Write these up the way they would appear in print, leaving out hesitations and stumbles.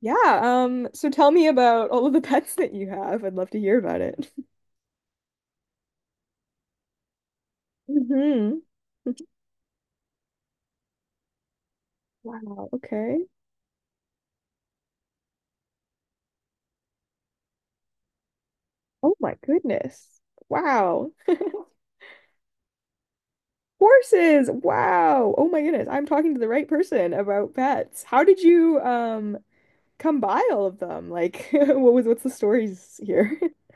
Yeah, so tell me about all of the pets that you have. I'd love to hear about it. hmm Wow, okay. Oh my goodness. Wow. Horses. Wow. Oh my goodness. I'm talking to the right person about pets. How did you come by all of them? Like what's the stories here?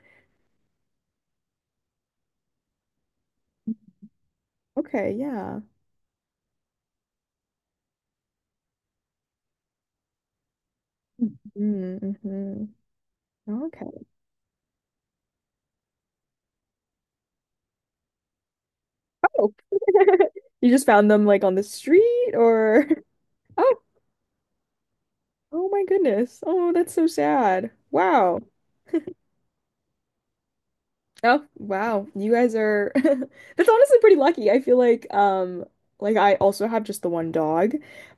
Okay, yeah. Mm-hmm. Mm-hmm. Okay. Oh. You just found them like on the street or oh. Oh my goodness. Oh, that's so sad. Wow. Oh, wow. You guys are that's honestly pretty lucky. I feel like I also have just the one dog,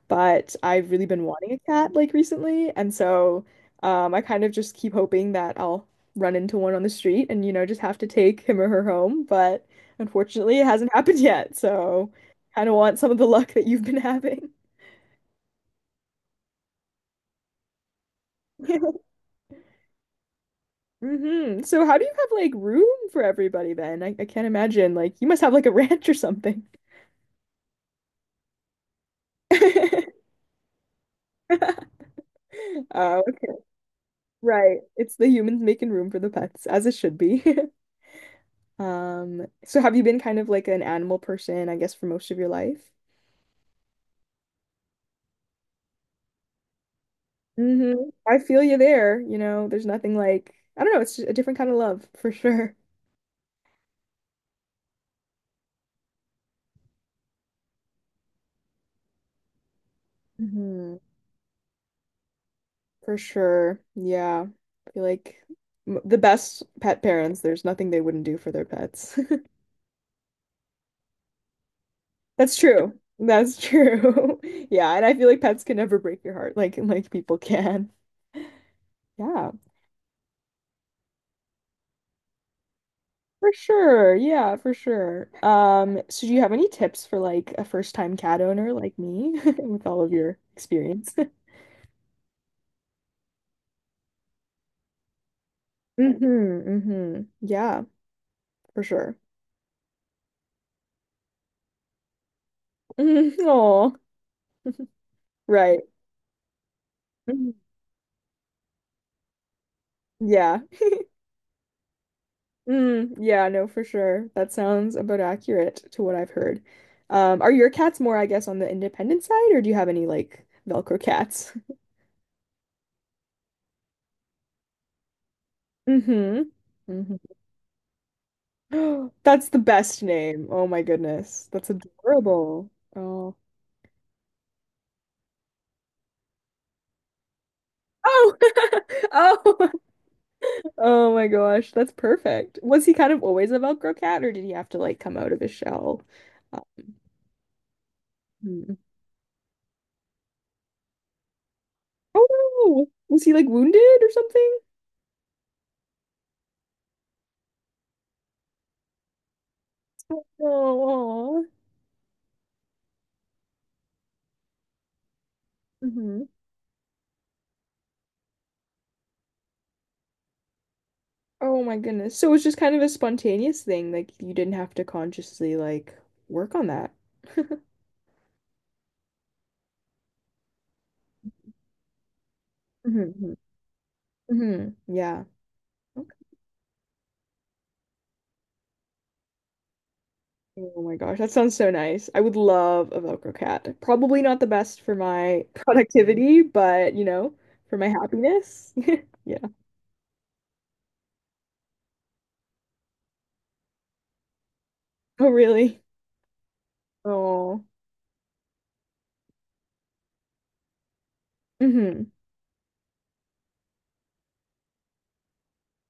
but I've really been wanting a cat like recently, and so I kind of just keep hoping that I'll run into one on the street and you know just have to take him or her home, but unfortunately it hasn't happened yet. So kind of want some of the luck that you've been having. hmm So how do you have like room for everybody then? I can't imagine. Like you must have like a ranch or something. Oh, okay. Right. It's the humans making room for the pets, as it should be. So have you been kind of like an animal person, I guess, for most of your life? Hmm I feel you there. You know, there's nothing like I don't know, it's just a different kind of love for sure. hmm For sure. Yeah. I feel like the best pet parents, there's nothing they wouldn't do for their pets. That's true. That's true. Yeah, and I feel like pets can never break your heart like people can. Yeah, for sure. Yeah, for sure. So do you have any tips for like a first-time cat owner like me with all of your experience? Mm-hmm. Mm-hmm. Yeah, for sure. Oh, right. Mhm. Yeah. Mm, yeah, no, for sure. That sounds about accurate to what I've heard. Are your cats more, I guess, on the independent side, or do you have any like Velcro cats? Mm-hmm. Mm-hmm. That's the best name. Oh my goodness. That's adorable. Oh. Oh. Oh. Oh my gosh. That's perfect. Was he kind of always a Velcro cat, or did he have to like come out of his shell? Uh, hmm. Oh no. Was he like wounded or something? Oh. Oh my goodness. So it was just kind of a spontaneous thing. Like you didn't have to consciously like work on that. Hmm hmm Yeah. Okay. Oh my gosh, that sounds so nice. I would love a Velcro cat. Probably not the best for my productivity, but you know, for my happiness. Yeah. Oh, really? Oh. hmm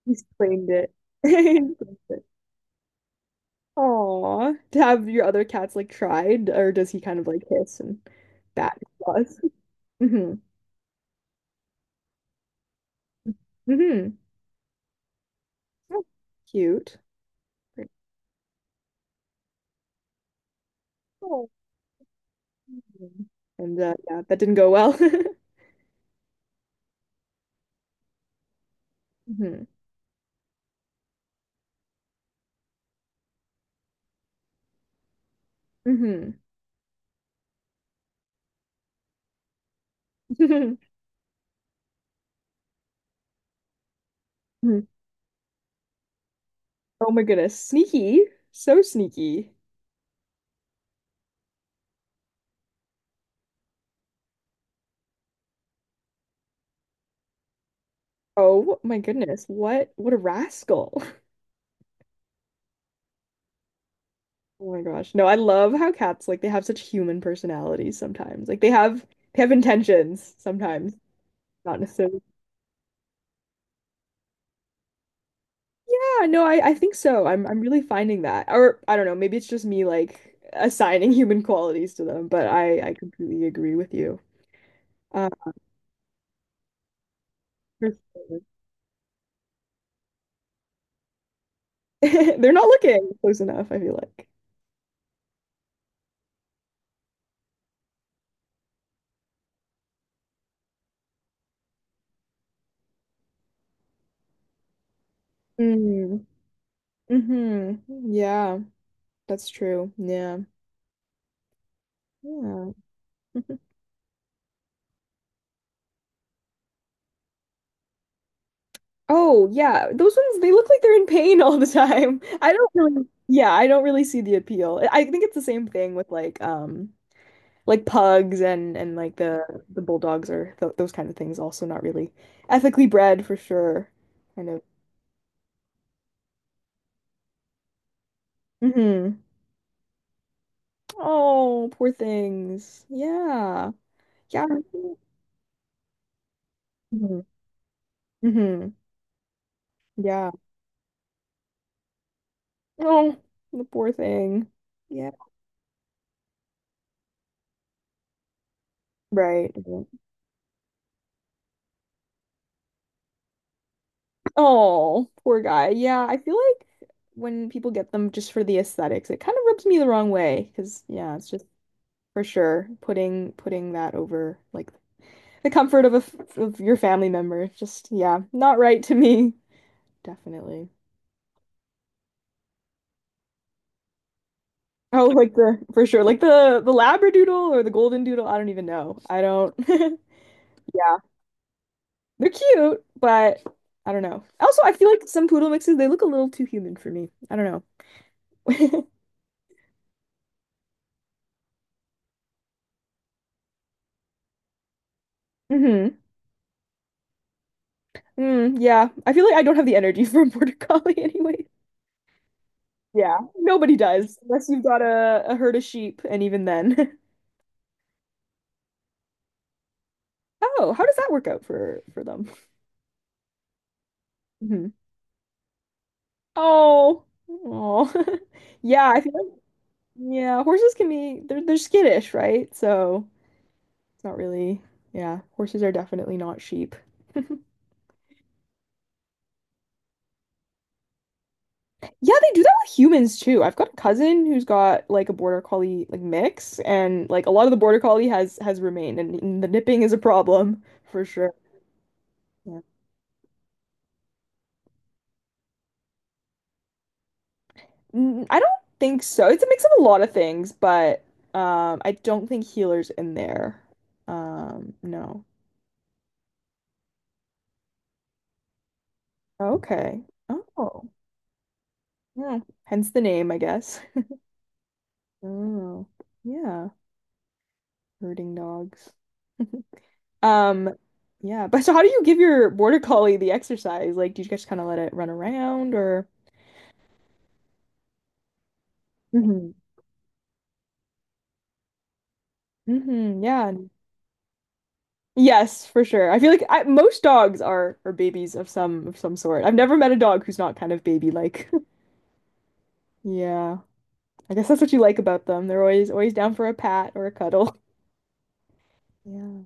He's claimed it. He's claimed it. Aw. To have your other cats like tried, or does he kind of like hiss and bat his claws? hmm hmm Oh, cute. Oh, mm. And yeah, that didn't go well. hmm hmm Oh my goodness. Sneaky. So sneaky. Oh my goodness. What a rascal. Oh my gosh. No, I love how cats like they have such human personalities sometimes. They have intentions sometimes. Not necessarily. Yeah, no, I think so. I'm really finding that. Or I don't know, maybe it's just me like assigning human qualities to them, but I completely agree with you. Um, For sure. They're not looking close enough, I feel like. Mm. Mm-hmm. Yeah, that's true. Yeah. Yeah. Oh, yeah. Those ones, they look like they're in pain all the time. I don't really, yeah, I don't really see the appeal. I think it's the same thing with like pugs and like the bulldogs or th those kind of things also not really ethically bred for sure. Kind of. Mm-hmm. Oh, poor things. Yeah. Yeah. Mm-hmm. Yeah. Oh, the poor thing. Yeah. Right. Mhm. Oh, poor guy. Yeah, I feel like when people get them just for the aesthetics, it kind of rubs me the wrong way because yeah, it's just for sure putting that over like the comfort of a f of your family member. It's just yeah, not right to me. Definitely. Oh, like the for sure, like the Labradoodle or the Golden Doodle. I don't even know. I don't. Yeah. They're cute, but I don't know. Also, I feel like some poodle mixes, they look a little too human for me. I don't know. hmm Mm, yeah. I feel like I don't have the energy for a border collie anyway. Yeah. Nobody does, unless you've got a herd of sheep, and even then. Oh, how does that work out for them? Hmm Oh. Oh. Yeah, I feel like yeah, horses can be they're skittish, right? So it's not really yeah, horses are definitely not sheep. Yeah, they do that with humans too. I've got a cousin who's got like a border collie like mix, and like a lot of the border collie has remained, and, the nipping is a problem for sure. Yeah. Mm, I don't think so. It's a mix of a lot of things, but I don't think healer's in there. No. Okay. Oh, yeah. Hence the name, I guess. Oh, yeah. Herding dogs. Um, yeah, but so how do you give your border collie the exercise? Like, do you just kind of let it run around or? Hmm hmm yeah. Yes, for sure. I feel like most dogs are babies of some sort. I've never met a dog who's not kind of baby-like. Yeah. I guess that's what you like about them. They're always always down for a pat or a cuddle. Yeah.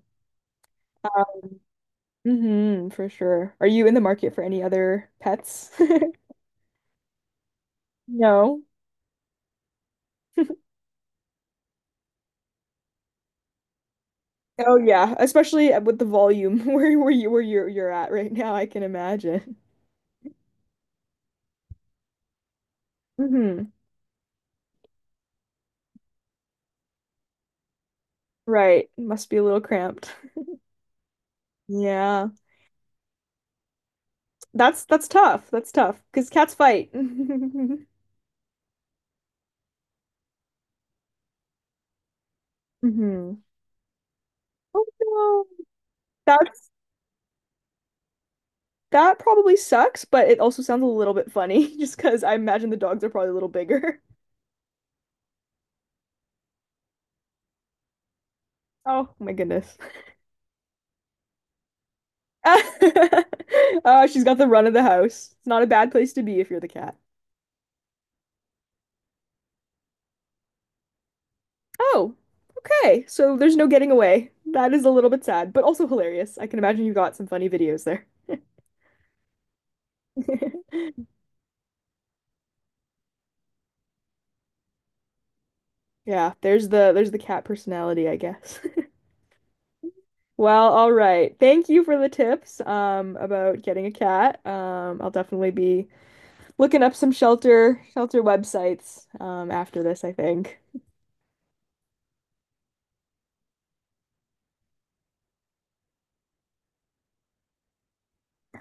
hmm for sure. Are you in the market for any other pets? No. Oh yeah, especially with the volume where you're at right now, I can imagine. Hmm Right. Must be a little cramped. Yeah. That's tough. That's tough. Because cats fight. hmm Oh no. That's that probably sucks, but it also sounds a little bit funny just because I imagine the dogs are probably a little bigger. Oh my goodness. Oh, she's got the run of the house. It's not a bad place to be if you're the cat. Oh, okay. So there's no getting away. That is a little bit sad, but also hilarious. I can imagine you got some funny videos there. Yeah, there's the cat personality, I guess. Well, all right. Thank you for the tips about getting a cat. I'll definitely be looking up some shelter websites after this, I think.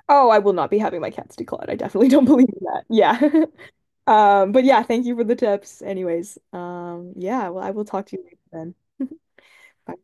Oh, I will not be having my cats declawed. I definitely don't believe in that. Yeah. But yeah, thank you for the tips anyways. I will talk to you later then. Bye.